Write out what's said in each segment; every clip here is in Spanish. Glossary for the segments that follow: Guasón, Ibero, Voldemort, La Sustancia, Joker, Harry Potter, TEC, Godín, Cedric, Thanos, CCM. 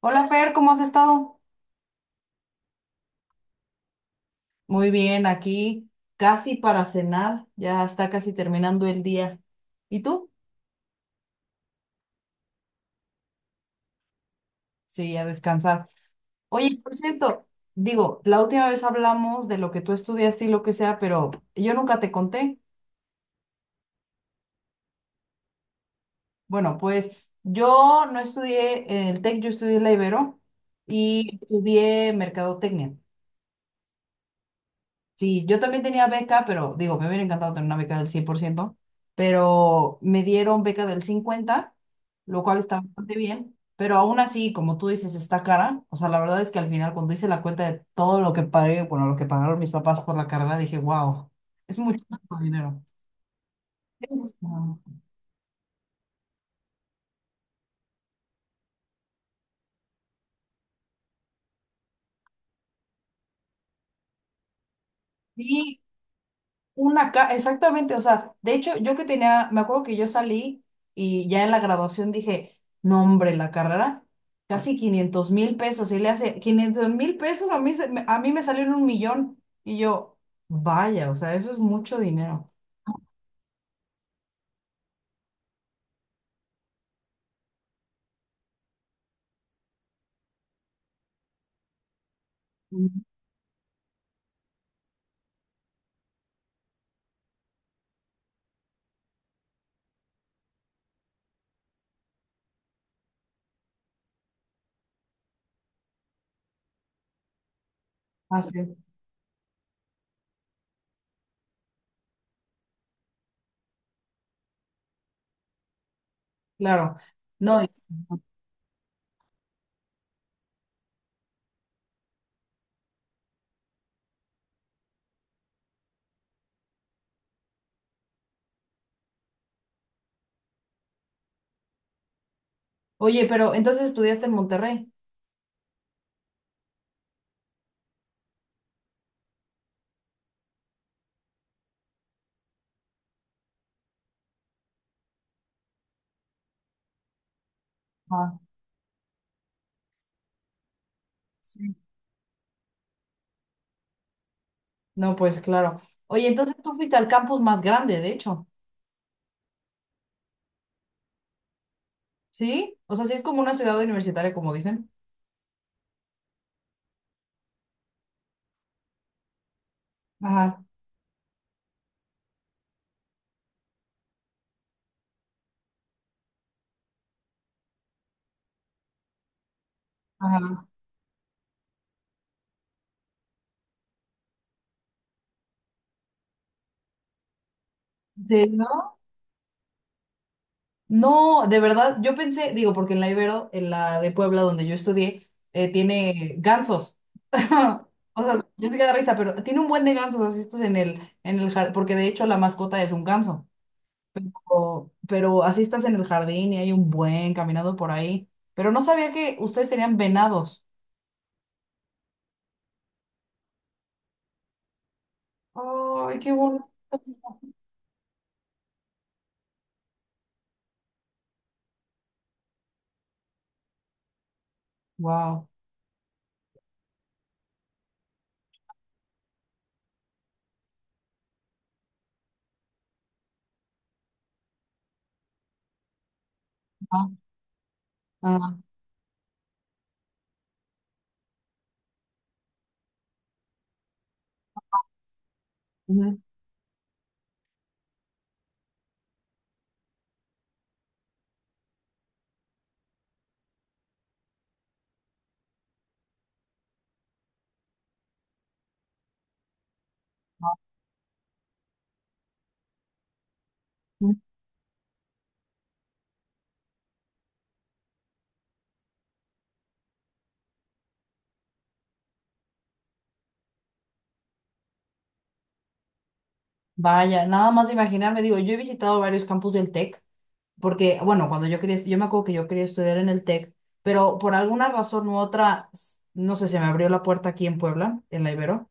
Hola Fer, ¿cómo has estado? Muy bien, aquí casi para cenar, ya está casi terminando el día. ¿Y tú? Sí, a descansar. Oye, por cierto, digo, la última vez hablamos de lo que tú estudiaste y lo que sea, pero yo nunca te conté. Bueno, pues yo no estudié en el TEC, yo estudié en la Ibero y estudié mercadotecnia. Sí, yo también tenía beca, pero digo, me hubiera encantado tener una beca del 100%, pero me dieron beca del 50, lo cual está bastante bien, pero aún así, como tú dices, está cara. O sea, la verdad es que al final, cuando hice la cuenta de todo lo que pagué, bueno, lo que pagaron mis papás por la carrera, dije, wow, es muchísimo dinero. Es- Sí. Una ca Exactamente, o sea, de hecho, yo que tenía, me acuerdo que yo salí y ya en la graduación dije, no hombre, la carrera, casi 500,000 pesos, y le hace 500,000 pesos, a mí, a mí me salieron 1 millón, y yo, vaya, o sea, eso es mucho dinero. Mm. Ah, sí, claro. No, oye, pero entonces estudiaste en Monterrey. Ah, sí. No, pues claro. Oye, entonces tú fuiste al campus más grande, de hecho. ¿Sí? O sea, sí es como una ciudad universitaria, como dicen. Ajá, ajá. ¿Sí, no? No, de verdad, yo pensé, digo, porque en la Ibero, en la de Puebla donde yo estudié, tiene gansos. O sea, yo sé que da risa, pero tiene un buen de gansos, así estás en el jardín, porque de hecho la mascota es un ganso. Pero así estás en el jardín y hay un buen caminado por ahí. Pero no sabía que ustedes tenían venados. Ay, qué bonito. Wow. Ah, ah, ujú, ujú. Vaya, nada más de imaginarme, digo, yo he visitado varios campus del TEC. Porque, bueno, cuando yo quería, yo me acuerdo que yo quería estudiar en el TEC, pero por alguna razón u otra, no sé, se me abrió la puerta aquí en Puebla, en la Ibero,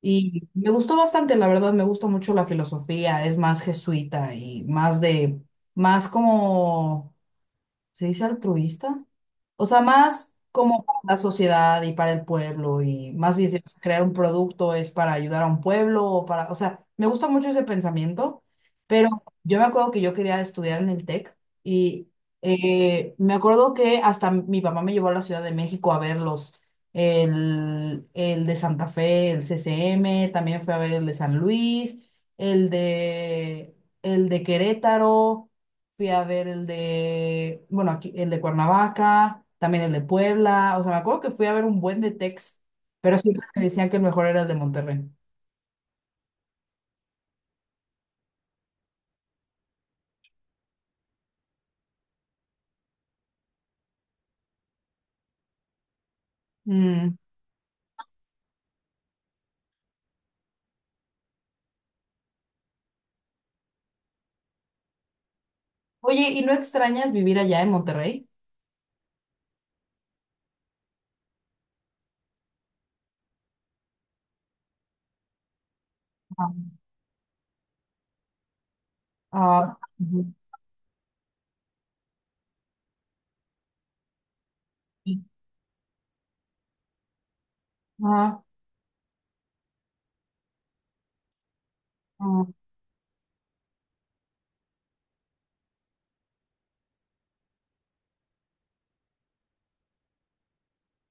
y me gustó bastante, la verdad, me gusta mucho la filosofía, es más jesuita y más como se dice altruista. O sea, más como para la sociedad y para el pueblo y más bien si vas a crear un producto es para ayudar a un pueblo o sea, me gusta mucho ese pensamiento, pero yo me acuerdo que yo quería estudiar en el TEC y me acuerdo que hasta mi papá me llevó a la Ciudad de México a verlos. El de Santa Fe, el CCM, también fue a ver el de San Luis, el de, el de Querétaro. Fui a ver el de, bueno, aquí, el de Cuernavaca, también el de Puebla. O sea, me acuerdo que fui a ver un buen de Tex, pero siempre me decían que el mejor era el de Monterrey. Mm. Oye, ¿y no extrañas vivir allá en Monterrey? Ah, ah, ujú. Ah, ah,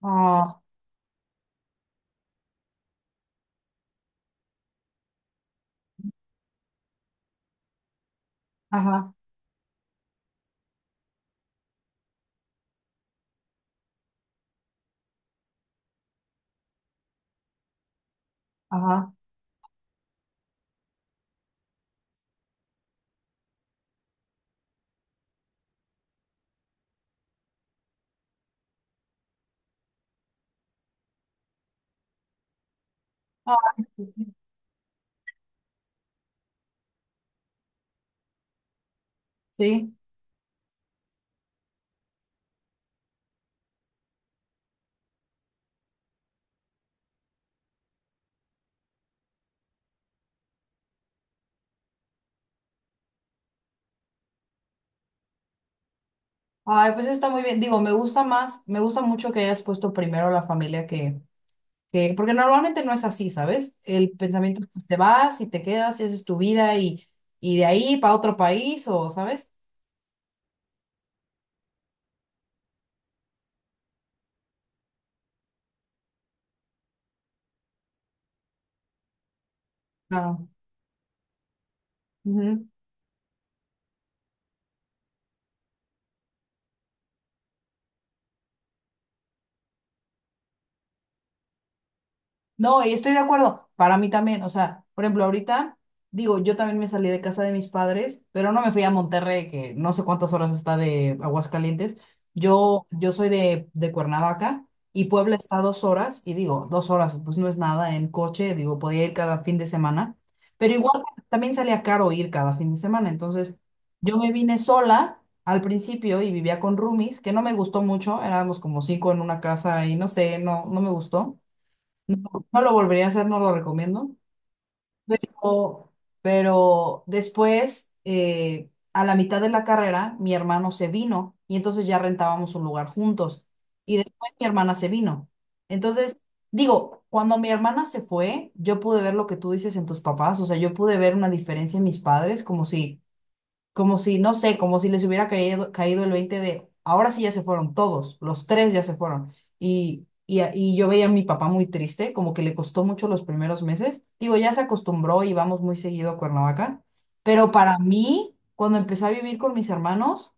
ah, ajá, ajá. Ah, sí. Sí. Ay, pues está muy bien. Digo, me gusta mucho que hayas puesto primero la familia, que porque normalmente no es así, ¿sabes? El pensamiento es, pues, te vas y te quedas y haces tu vida y, de ahí para otro país o, ¿sabes? Claro. No, y estoy de acuerdo. Para mí también, o sea, por ejemplo, ahorita, digo, yo también me salí de casa de mis padres, pero no me fui a Monterrey, que no sé cuántas horas está de Aguascalientes. Yo soy de Cuernavaca y Puebla está a 2 horas, y digo, 2 horas, pues no es nada en coche, digo, podía ir cada fin de semana, pero igual también salía caro ir cada fin de semana. Entonces, yo me vine sola al principio y vivía con roomies, que no me gustó mucho, éramos como cinco en una casa y no sé, no, no me gustó. No, no lo volvería a hacer, no lo recomiendo. O- pero después, a la mitad de la carrera, mi hermano se vino y entonces ya rentábamos un lugar juntos. Y después mi hermana se vino. Entonces, digo, cuando mi hermana se fue, yo pude ver lo que tú dices en tus papás, o sea, yo pude ver una diferencia en mis padres, como si, no sé, como si les hubiera caído el 20 de, ahora sí ya se fueron todos, los tres ya se fueron. Y yo veía a mi papá muy triste, como que le costó mucho los primeros meses. Digo, ya se acostumbró y vamos muy seguido a Cuernavaca, pero para mí, cuando empecé a vivir con mis hermanos,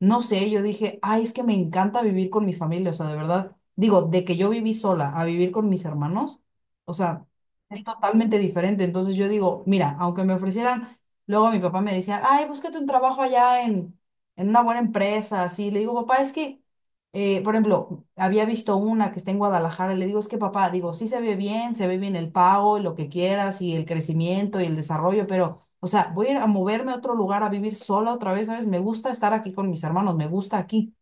no sé, yo dije, ay, es que me encanta vivir con mi familia, o sea, de verdad, digo, de que yo viví sola a vivir con mis hermanos, o sea, es totalmente diferente. Entonces yo digo, mira, aunque me ofrecieran, luego mi papá me decía, ay, búscate un trabajo allá en una buena empresa, así. Le digo, papá, es que, por ejemplo, había visto una que está en Guadalajara, y le digo, es que papá, digo, sí se ve bien el pago y lo que quieras y el crecimiento y el desarrollo, pero... O sea, voy a ir a moverme a otro lugar a vivir sola otra vez, ¿sabes? Me gusta estar aquí con mis hermanos, me gusta aquí.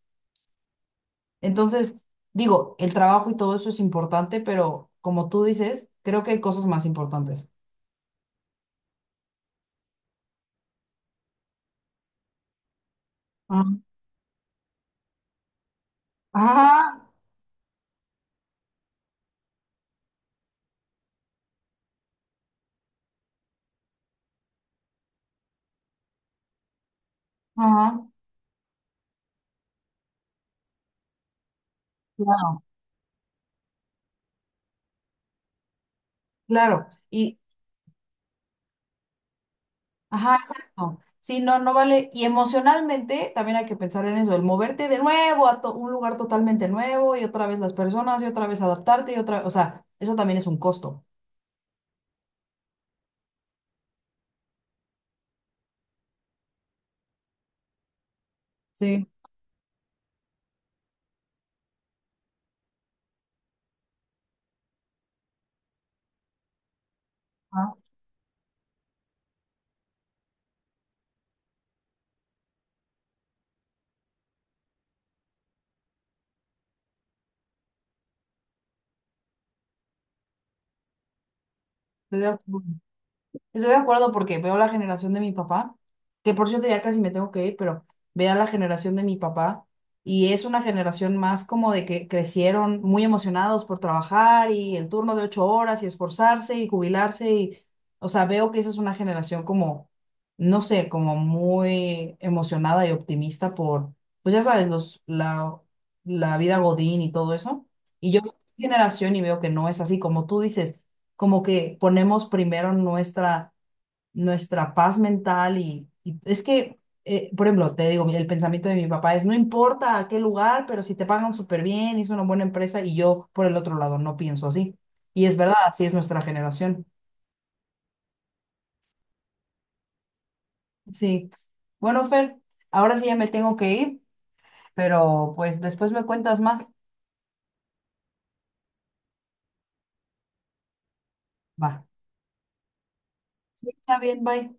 Entonces, digo, el trabajo y todo eso es importante, pero como tú dices, creo que hay cosas más importantes. Ajá, ajá, ajá, claro, claro. Ajá, exacto. Sí, no, no vale. Y emocionalmente también hay que pensar en eso, el moverte de nuevo a un lugar totalmente nuevo y otra vez las personas y otra vez adaptarte y otra, o sea, eso también es un costo. Sí, ah, estoy de acuerdo. Estoy de acuerdo porque veo la generación de mi papá, que por cierto ya casi me tengo que ir, pero veo la generación de mi papá y es una generación más como de que crecieron muy emocionados por trabajar y el turno de 8 horas y esforzarse y jubilarse y, o sea, veo que esa es una generación como, no sé, como muy emocionada y optimista por, pues ya sabes, los, la vida Godín y todo eso. Y yo veo mi generación y veo que no es así, como tú dices, como que ponemos primero nuestra paz mental y es que, por ejemplo, te digo, el pensamiento de mi papá es, no importa a qué lugar, pero si te pagan súper bien, es una buena empresa y yo por el otro lado no pienso así. Y es verdad, así es nuestra generación. Sí. Bueno, Fer, ahora sí ya me tengo que ir, pero pues después me cuentas más. Va. Sí, está bien, bye.